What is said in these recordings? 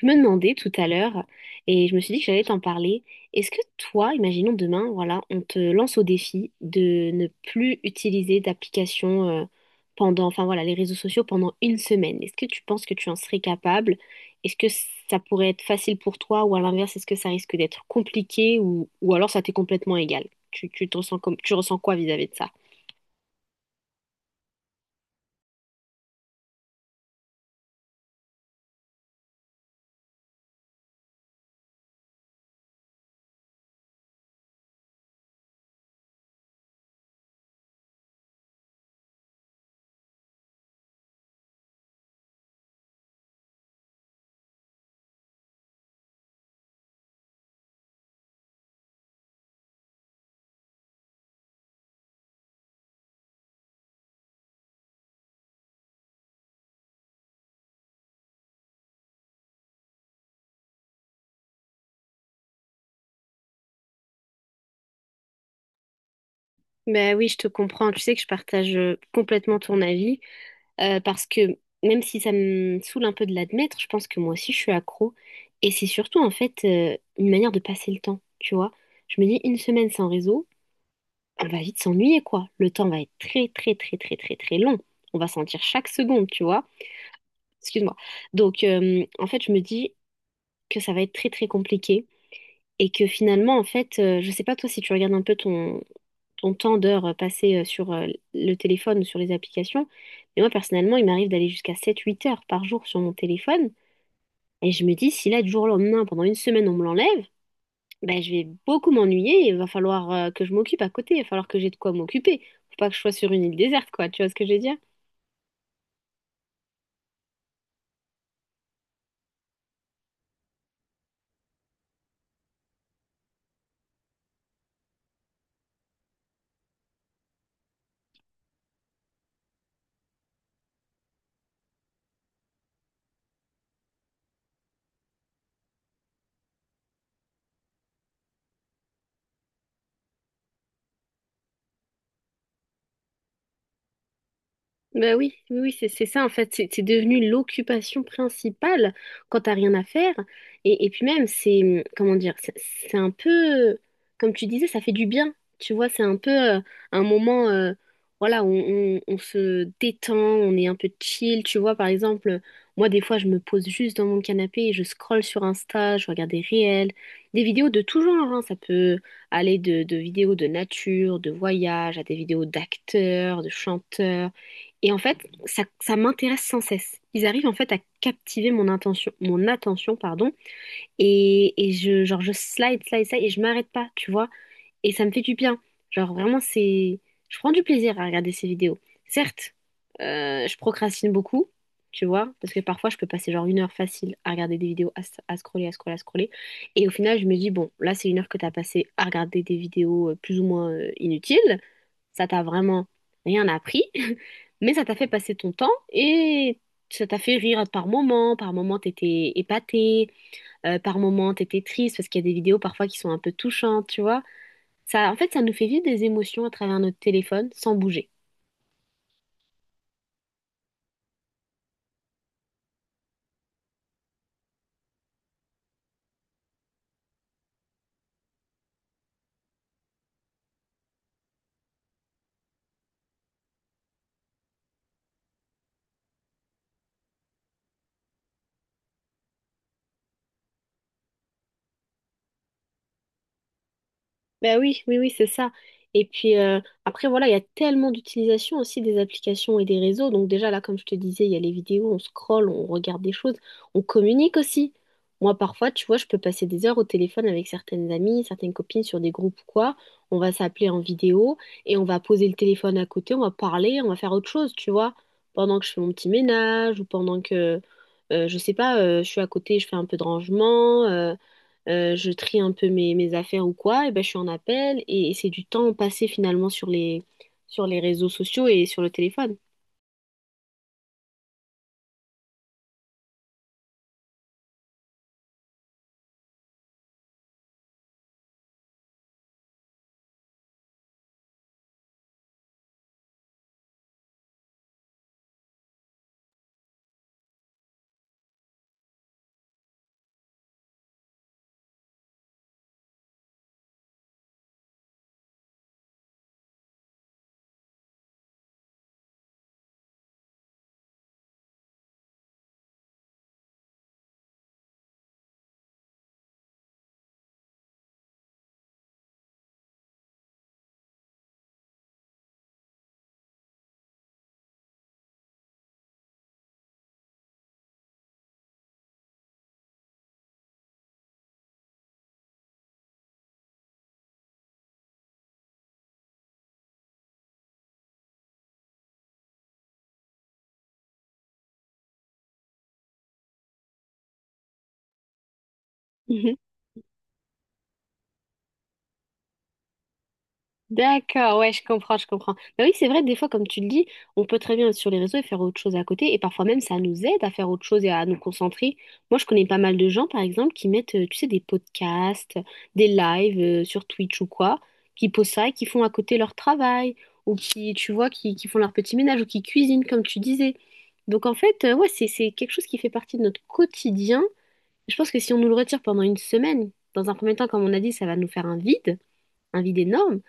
Je me demandais tout à l'heure, et je me suis dit que j'allais t'en parler, est-ce que toi, imaginons demain, voilà, on te lance au défi de ne plus utiliser d'application pendant, enfin voilà, les réseaux sociaux pendant une semaine. Est-ce que tu penses que tu en serais capable? Est-ce que ça pourrait être facile pour toi ou à l'inverse, est-ce que ça risque d'être compliqué ou alors ça t'est complètement égal? Tu te ressens comme, tu ressens quoi vis-à-vis de ça? Ben oui, je te comprends. Tu sais que je partage complètement ton avis parce que même si ça me saoule un peu de l'admettre, je pense que moi aussi je suis accro. Et c'est surtout en fait une manière de passer le temps, tu vois. Je me dis une semaine sans réseau, on va vite s'ennuyer quoi. Le temps va être très très très très très très long. On va sentir chaque seconde, tu vois. Excuse-moi. Donc, en fait, je me dis que ça va être très, très compliqué et que finalement, en fait, je sais pas toi si tu regardes un peu ton, ton temps d'heure passé sur le téléphone ou sur les applications, mais moi, personnellement, il m'arrive d'aller jusqu'à 7 8 heures par jour sur mon téléphone et je me dis, si là, du jour au lendemain, pendant une semaine, on me l'enlève, ben, je vais beaucoup m'ennuyer et il va falloir que je m'occupe à côté, il va falloir que j'ai de quoi m'occuper. Faut pas que je sois sur une île déserte, quoi, tu vois ce que je veux dire? Ben oui, oui, oui, c'est ça en fait, c'est devenu l'occupation principale quand t'as rien à faire. Et puis même, c'est, comment dire, c'est un peu, comme tu disais, ça fait du bien, tu vois, c'est un peu un moment, voilà, où on, on se détend, on est un peu chill, tu vois, par exemple, moi des fois je me pose juste dans mon canapé et je scrolle sur Insta, je regarde des réels, des vidéos de tout genre, hein, ça peut aller de vidéos de nature, de voyage, à des vidéos d'acteurs, de chanteurs. Et en fait, ça m'intéresse sans cesse. Ils arrivent en fait à captiver mon attention, pardon, et je, genre, je slide, slide, slide, et je m'arrête pas, tu vois. Et ça me fait du bien. Genre, vraiment, c'est... Je prends du plaisir à regarder ces vidéos. Certes, je procrastine beaucoup, tu vois, parce que parfois, je peux passer genre une heure facile à regarder des vidéos, à, à scroller, à scroller, à scroller. Et au final, je me dis, bon, là, c'est une heure que t'as passé à regarder des vidéos plus ou moins inutiles. Ça t'a vraiment rien appris, mais ça t'a fait passer ton temps et ça t'a fait rire par moments. Par moments, t'étais épaté, par moments, t'étais triste parce qu'il y a des vidéos parfois qui sont un peu touchantes, tu vois. Ça, en fait, ça nous fait vivre des émotions à travers notre téléphone sans bouger. Ben oui, oui, oui, c'est ça. Et puis après, voilà, il y a tellement d'utilisation aussi des applications et des réseaux. Donc déjà, là, comme je te disais, il y a les vidéos, on scrolle, on regarde des choses, on communique aussi. Moi, parfois, tu vois, je peux passer des heures au téléphone avec certaines amies, certaines copines sur des groupes ou quoi. On va s'appeler en vidéo et on va poser le téléphone à côté, on va parler, on va faire autre chose, tu vois, pendant que je fais mon petit ménage ou pendant que, je sais pas, je suis à côté, je fais un peu de rangement. Je trie un peu mes, mes affaires ou quoi, et ben, je suis en appel et c'est du temps passé finalement sur les réseaux sociaux et sur le téléphone. D'accord, ouais, je comprends, je comprends. Mais oui, c'est vrai, des fois, comme tu le dis, on peut très bien être sur les réseaux et faire autre chose à côté, et parfois même, ça nous aide à faire autre chose et à nous concentrer. Moi, je connais pas mal de gens, par exemple, qui mettent, tu sais, des podcasts, des lives, sur Twitch ou quoi, qui posent ça et qui font à côté leur travail, ou qui, tu vois, qui font leur petit ménage, ou qui cuisinent, comme tu disais. Donc, en fait, ouais, c'est quelque chose qui fait partie de notre quotidien. Je pense que si on nous le retire pendant une semaine, dans un premier temps, comme on a dit, ça va nous faire un vide énorme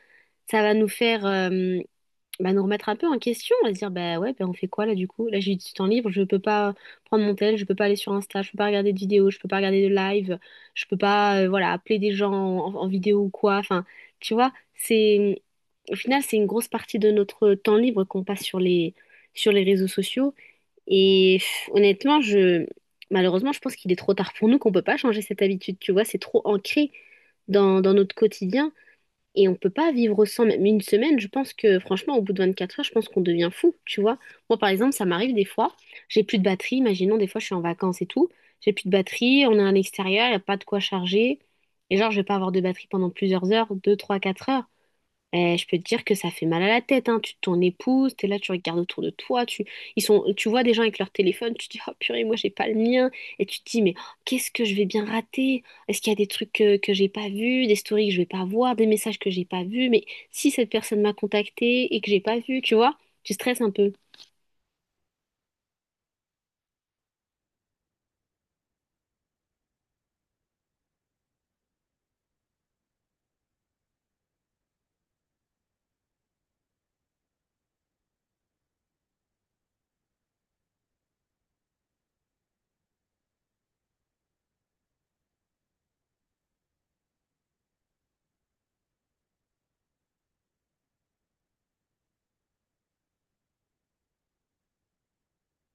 ça va nous faire bah, nous remettre un peu en question. On va se dire, bah ouais, bah, on fait quoi là du coup? Là, j'ai du temps libre, je peux pas prendre mon tel, je peux pas aller sur Insta, je peux pas regarder de vidéos, je peux pas regarder de live, je peux pas voilà, appeler des gens en, en vidéo ou quoi. Enfin, tu vois, c'est au final, c'est une grosse partie de notre temps libre qu'on passe sur les réseaux sociaux. Et pff, honnêtement, je, malheureusement, je pense qu'il est trop tard pour nous, qu'on peut pas changer cette habitude. Tu vois, c'est trop ancré dans, dans notre quotidien. Et on peut pas vivre sans même une semaine. Je pense que franchement, au bout de 24 heures, je pense qu'on devient fou, tu vois. Moi, par exemple, ça m'arrive des fois, j'ai plus de batterie. Imaginons, des fois, je suis en vacances et tout. J'ai plus de batterie, on est à l'extérieur, il n'y a pas de quoi charger. Et genre, je vais pas avoir de batterie pendant plusieurs heures, 2 3 4 heures. Eh, je peux te dire que ça fait mal à la tête, hein. Tu te tournes épouse, t'es là, tu regardes autour de toi, tu, ils sont, tu vois des gens avec leur téléphone, tu te dis, oh purée, moi j'ai pas le mien. Et tu te dis, mais oh, qu'est-ce que je vais bien rater? Est-ce qu'il y a des trucs que j'ai pas vus, des stories que je vais pas voir, des messages que j'ai pas vus? Mais si cette personne m'a contacté et que j'ai pas vu, tu vois, tu stresses un peu.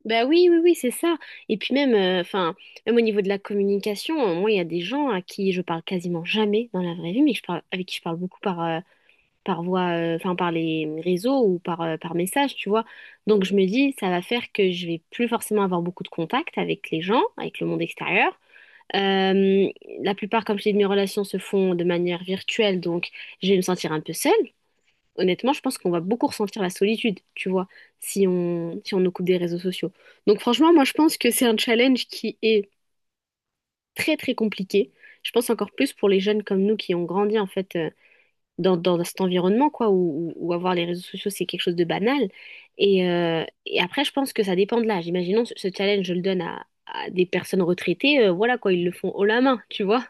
Bah oui, oui, oui, c'est ça. Et puis même, enfin, même au niveau de la communication, moi, il y a des gens à qui je parle quasiment jamais dans la vraie vie, mais que je parle, avec qui je parle beaucoup par, par voie, enfin par les réseaux ou par, par message, tu vois. Donc je me dis, ça va faire que je vais plus forcément avoir beaucoup de contact avec les gens, avec le monde extérieur. Euh, la plupart, comme je t'ai dit, de mes relations se font de manière virtuelle, donc je vais me sentir un peu seule. Honnêtement, je pense qu'on va beaucoup ressentir la solitude, tu vois, si on, si on nous coupe des réseaux sociaux. Donc franchement, moi je pense que c'est un challenge qui est très très compliqué. Je pense encore plus pour les jeunes comme nous qui ont grandi en fait dans, dans cet environnement, quoi, où, où avoir les réseaux sociaux, c'est quelque chose de banal. Et après, je pense que ça dépend de l'âge. Imaginons ce challenge, je le donne à des personnes retraitées, voilà, quoi, ils le font haut la main, tu vois.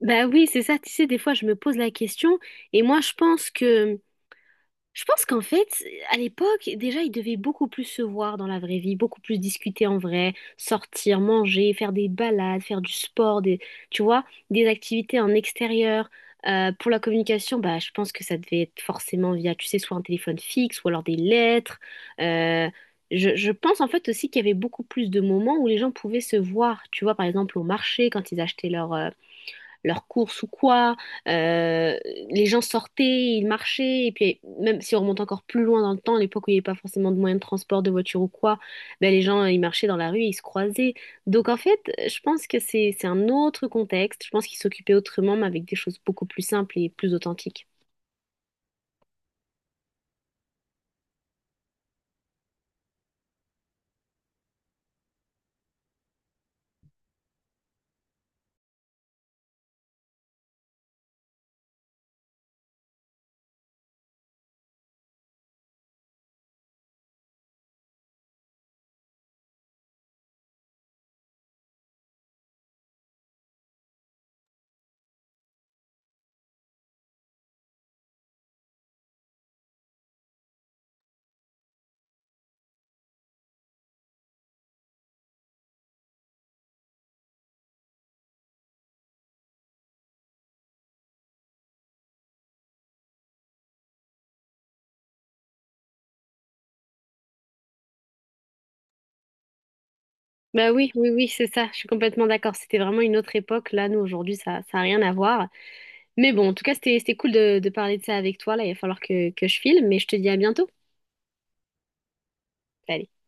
Bah oui, c'est ça, tu sais, des fois, je me pose la question, et moi, je pense que Je pense qu'en fait, à l'époque, déjà, ils devaient beaucoup plus se voir dans la vraie vie, beaucoup plus discuter en vrai, sortir, manger, faire des balades, faire du sport, des, tu vois, des activités en extérieur. Pour la communication, bah, je pense que ça devait être forcément via, tu sais, soit un téléphone fixe ou alors des lettres. Euh, je pense en fait aussi qu'il y avait beaucoup plus de moments où les gens pouvaient se voir, tu vois, par exemple au marché, quand ils achetaient leurs leurs courses ou quoi. Euh, les gens sortaient, ils marchaient. Et puis, même si on remonte encore plus loin dans le temps, à l'époque où il n'y avait pas forcément de moyens de transport, de voiture ou quoi, ben, les gens, ils marchaient dans la rue, ils se croisaient. Donc, en fait, je pense que c'est un autre contexte. Je pense qu'ils s'occupaient autrement, mais avec des choses beaucoup plus simples et plus authentiques. Bah oui, oui, oui, c'est ça, je suis complètement d'accord. C'était vraiment une autre époque. Là, nous, aujourd'hui, ça a rien à voir. Mais bon, en tout cas, c'était, c'était cool de parler de ça avec toi. Là, il va falloir que je file, mais je te dis à bientôt. Salut.